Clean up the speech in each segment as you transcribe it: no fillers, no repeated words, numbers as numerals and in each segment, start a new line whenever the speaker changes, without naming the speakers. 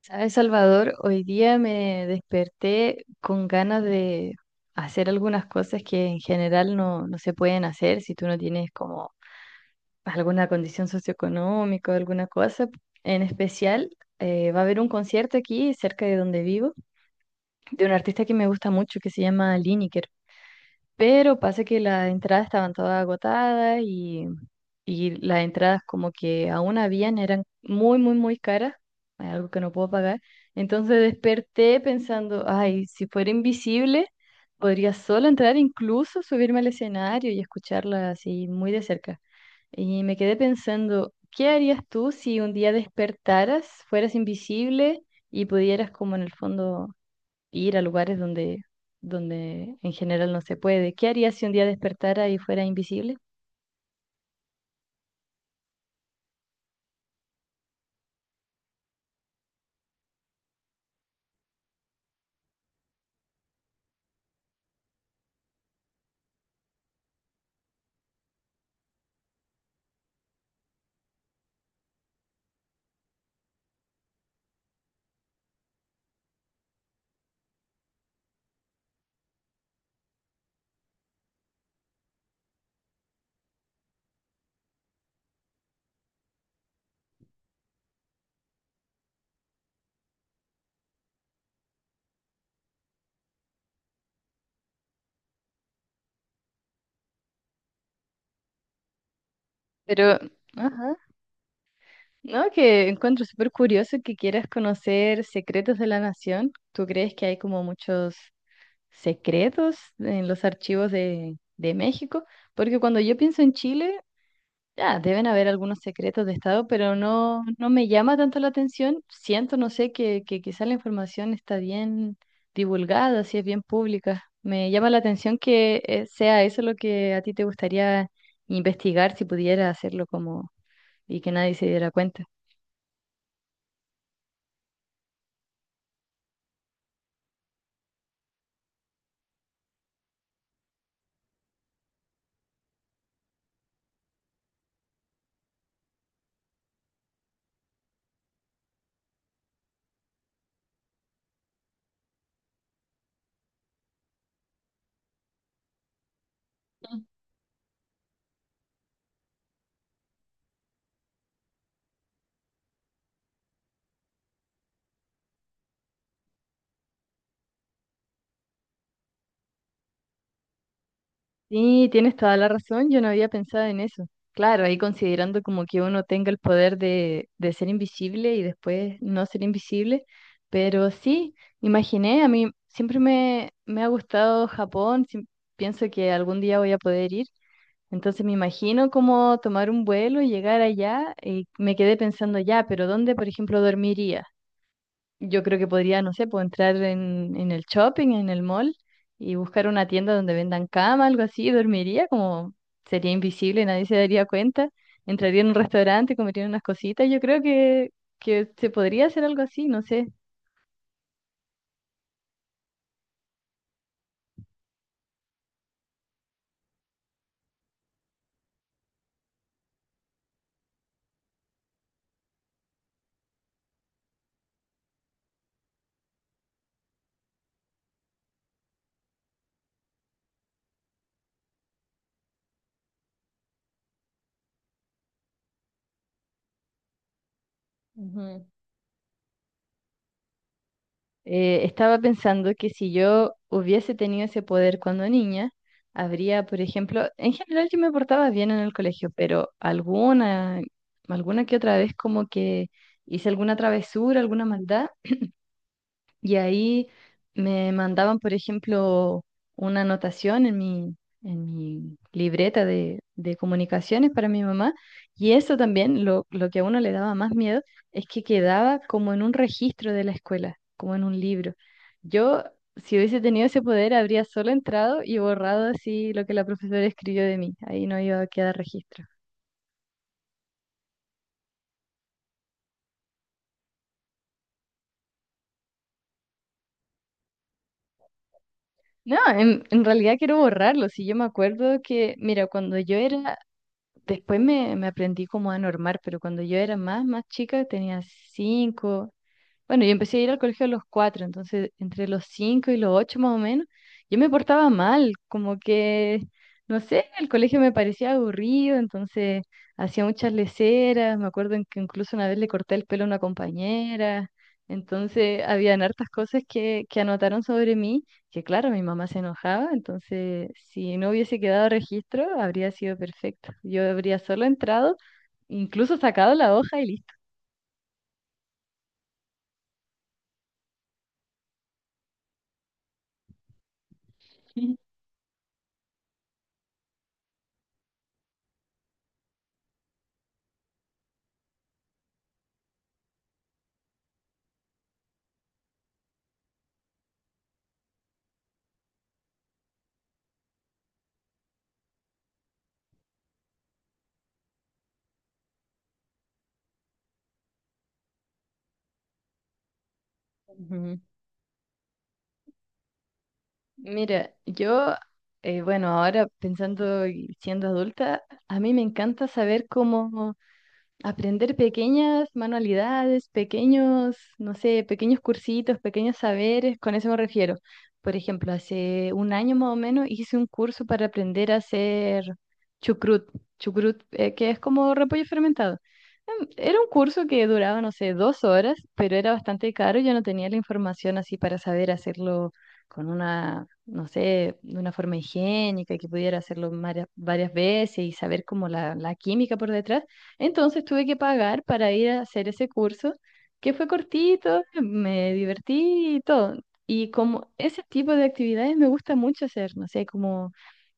¿Sabes, Salvador? Hoy día me desperté con ganas de hacer algunas cosas que en general no se pueden hacer si tú no tienes como alguna condición socioeconómica o alguna cosa. En especial, va a haber un concierto aquí cerca de donde vivo de un artista que me gusta mucho que se llama Liniker. Pero pasa que las entradas estaban todas agotadas y las entradas como que aún habían, eran muy, muy, muy caras, algo que no puedo pagar. Entonces desperté pensando, ay, si fuera invisible, podría solo entrar, incluso subirme al escenario y escucharla así muy de cerca. Y me quedé pensando, ¿qué harías tú si un día despertaras, fueras invisible y pudieras como en el fondo ir a lugares donde en general no se puede? ¿Qué harías si un día despertara y fuera invisible? Pero, ajá, no, que encuentro súper curioso que quieras conocer secretos de la nación. ¿Tú crees que hay como muchos secretos en los archivos de México? Porque cuando yo pienso en Chile, ya, deben haber algunos secretos de Estado, pero no, no me llama tanto la atención. Siento, no sé, que quizá la información está bien divulgada, si es bien pública. Me llama la atención que sea eso lo que a ti te gustaría investigar si pudiera hacerlo como y que nadie se diera cuenta. Sí, tienes toda la razón, yo no había pensado en eso. Claro, ahí considerando como que uno tenga el poder de ser invisible y después no ser invisible, pero sí, imaginé, a mí siempre me ha gustado Japón, pienso que algún día voy a poder ir, entonces me imagino como tomar un vuelo, llegar allá y me quedé pensando ya, pero ¿dónde, por ejemplo, dormiría? Yo creo que podría, no sé, puedo entrar en el shopping, en el mall y buscar una tienda donde vendan cama, algo así, y dormiría como sería invisible, nadie se daría cuenta. Entraría en un restaurante, comería unas cositas. Yo creo que se podría hacer algo así, no sé. Ujú. Estaba pensando que si yo hubiese tenido ese poder cuando niña, habría, por ejemplo, en general yo me portaba bien en el colegio, pero alguna que otra vez como que hice alguna travesura, alguna maldad. Y ahí me mandaban, por ejemplo, una anotación en mi libreta de comunicaciones para mi mamá. Y eso también, lo que a uno le daba más miedo, es que quedaba como en un registro de la escuela, como en un libro. Yo, si hubiese tenido ese poder, habría solo entrado y borrado así lo que la profesora escribió de mí. Ahí no iba a quedar registro. No, en realidad quiero borrarlo. Si yo me acuerdo que, mira, cuando yo era. Después me aprendí como a normar, pero cuando yo era más chica, tenía 5, bueno, yo empecé a ir al colegio a los 4, entonces entre los 5 y los 8 más o menos, yo me portaba mal, como que, no sé, el colegio me parecía aburrido, entonces hacía muchas leseras. Me acuerdo en que incluso una vez le corté el pelo a una compañera, entonces habían hartas cosas que anotaron sobre mí, que claro, mi mamá se enojaba, entonces si no hubiese quedado registro, habría sido perfecto. Yo habría solo entrado, incluso sacado la hoja y listo. Ujú. Mira, yo, bueno, ahora pensando y siendo adulta, a mí me encanta saber cómo aprender pequeñas manualidades, pequeños, no sé, pequeños cursitos, pequeños saberes, con eso me refiero. Por ejemplo, hace un año más o menos hice un curso para aprender a hacer chucrut, chucrut, que es como repollo fermentado. Era un curso que duraba, no sé, 2 horas, pero era bastante caro. Yo no tenía la información así para saber hacerlo con una, no sé, de una forma higiénica, que pudiera hacerlo varias veces y saber como la química por detrás. Entonces tuve que pagar para ir a hacer ese curso, que fue cortito, me divertí y todo. Y como ese tipo de actividades me gusta mucho hacer, no sé, como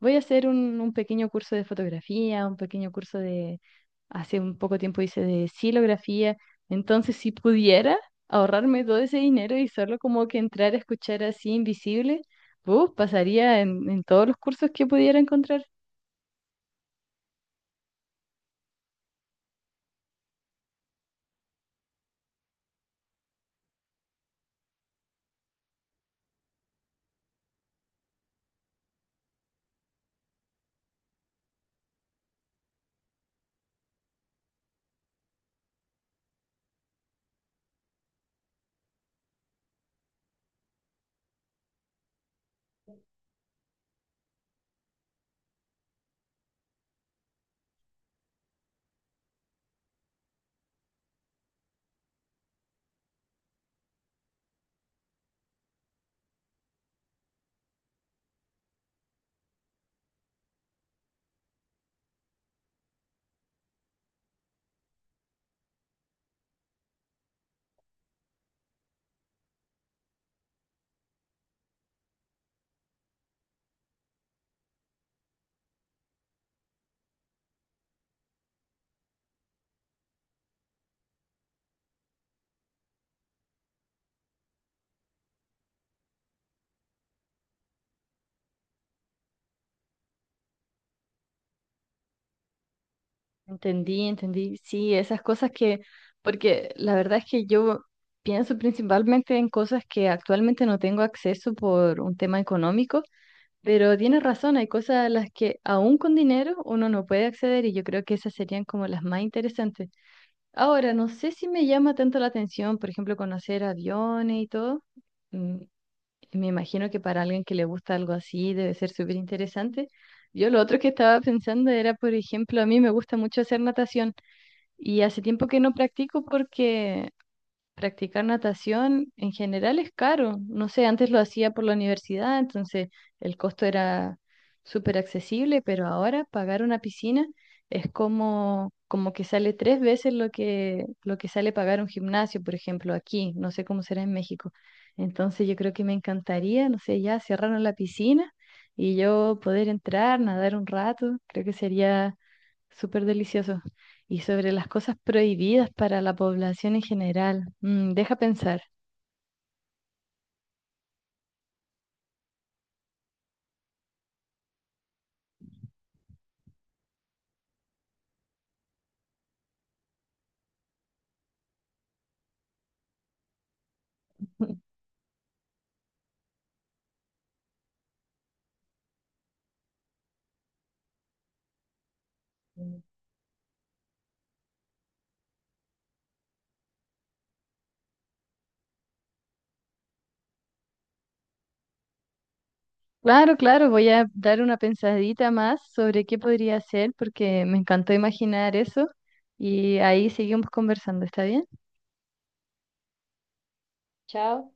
voy a hacer un pequeño curso de fotografía, un pequeño curso de, hace un poco tiempo hice de silografía, entonces si pudiera ahorrarme todo ese dinero y solo como que entrar a escuchar así invisible, uf, pasaría en todos los cursos que pudiera encontrar. Entendí, entendí. Sí, esas cosas que, porque la verdad es que yo pienso principalmente en cosas que actualmente no tengo acceso por un tema económico, pero tienes razón, hay cosas a las que aún con dinero uno no puede acceder y yo creo que esas serían como las más interesantes. Ahora, no sé si me llama tanto la atención, por ejemplo, conocer aviones y todo. Mm, Me imagino que para alguien que le gusta algo así debe ser súper interesante. Yo lo otro que estaba pensando era, por ejemplo, a mí me gusta mucho hacer natación. Y hace tiempo que no practico porque practicar natación en general es caro. No sé, antes lo hacía por la universidad, entonces el costo era súper accesible, pero ahora pagar una piscina es como que sale tres veces lo que sale pagar un gimnasio, por ejemplo, aquí. No sé cómo será en México. Entonces yo creo que me encantaría, no sé, ya cerraron la piscina y yo poder entrar, nadar un rato, creo que sería súper delicioso y sobre las cosas prohibidas para la población en general. Deja pensar. Claro, claro, voy a dar una pensadita más sobre qué podría ser porque me encantó imaginar eso y ahí seguimos conversando, ¿está bien? Chao.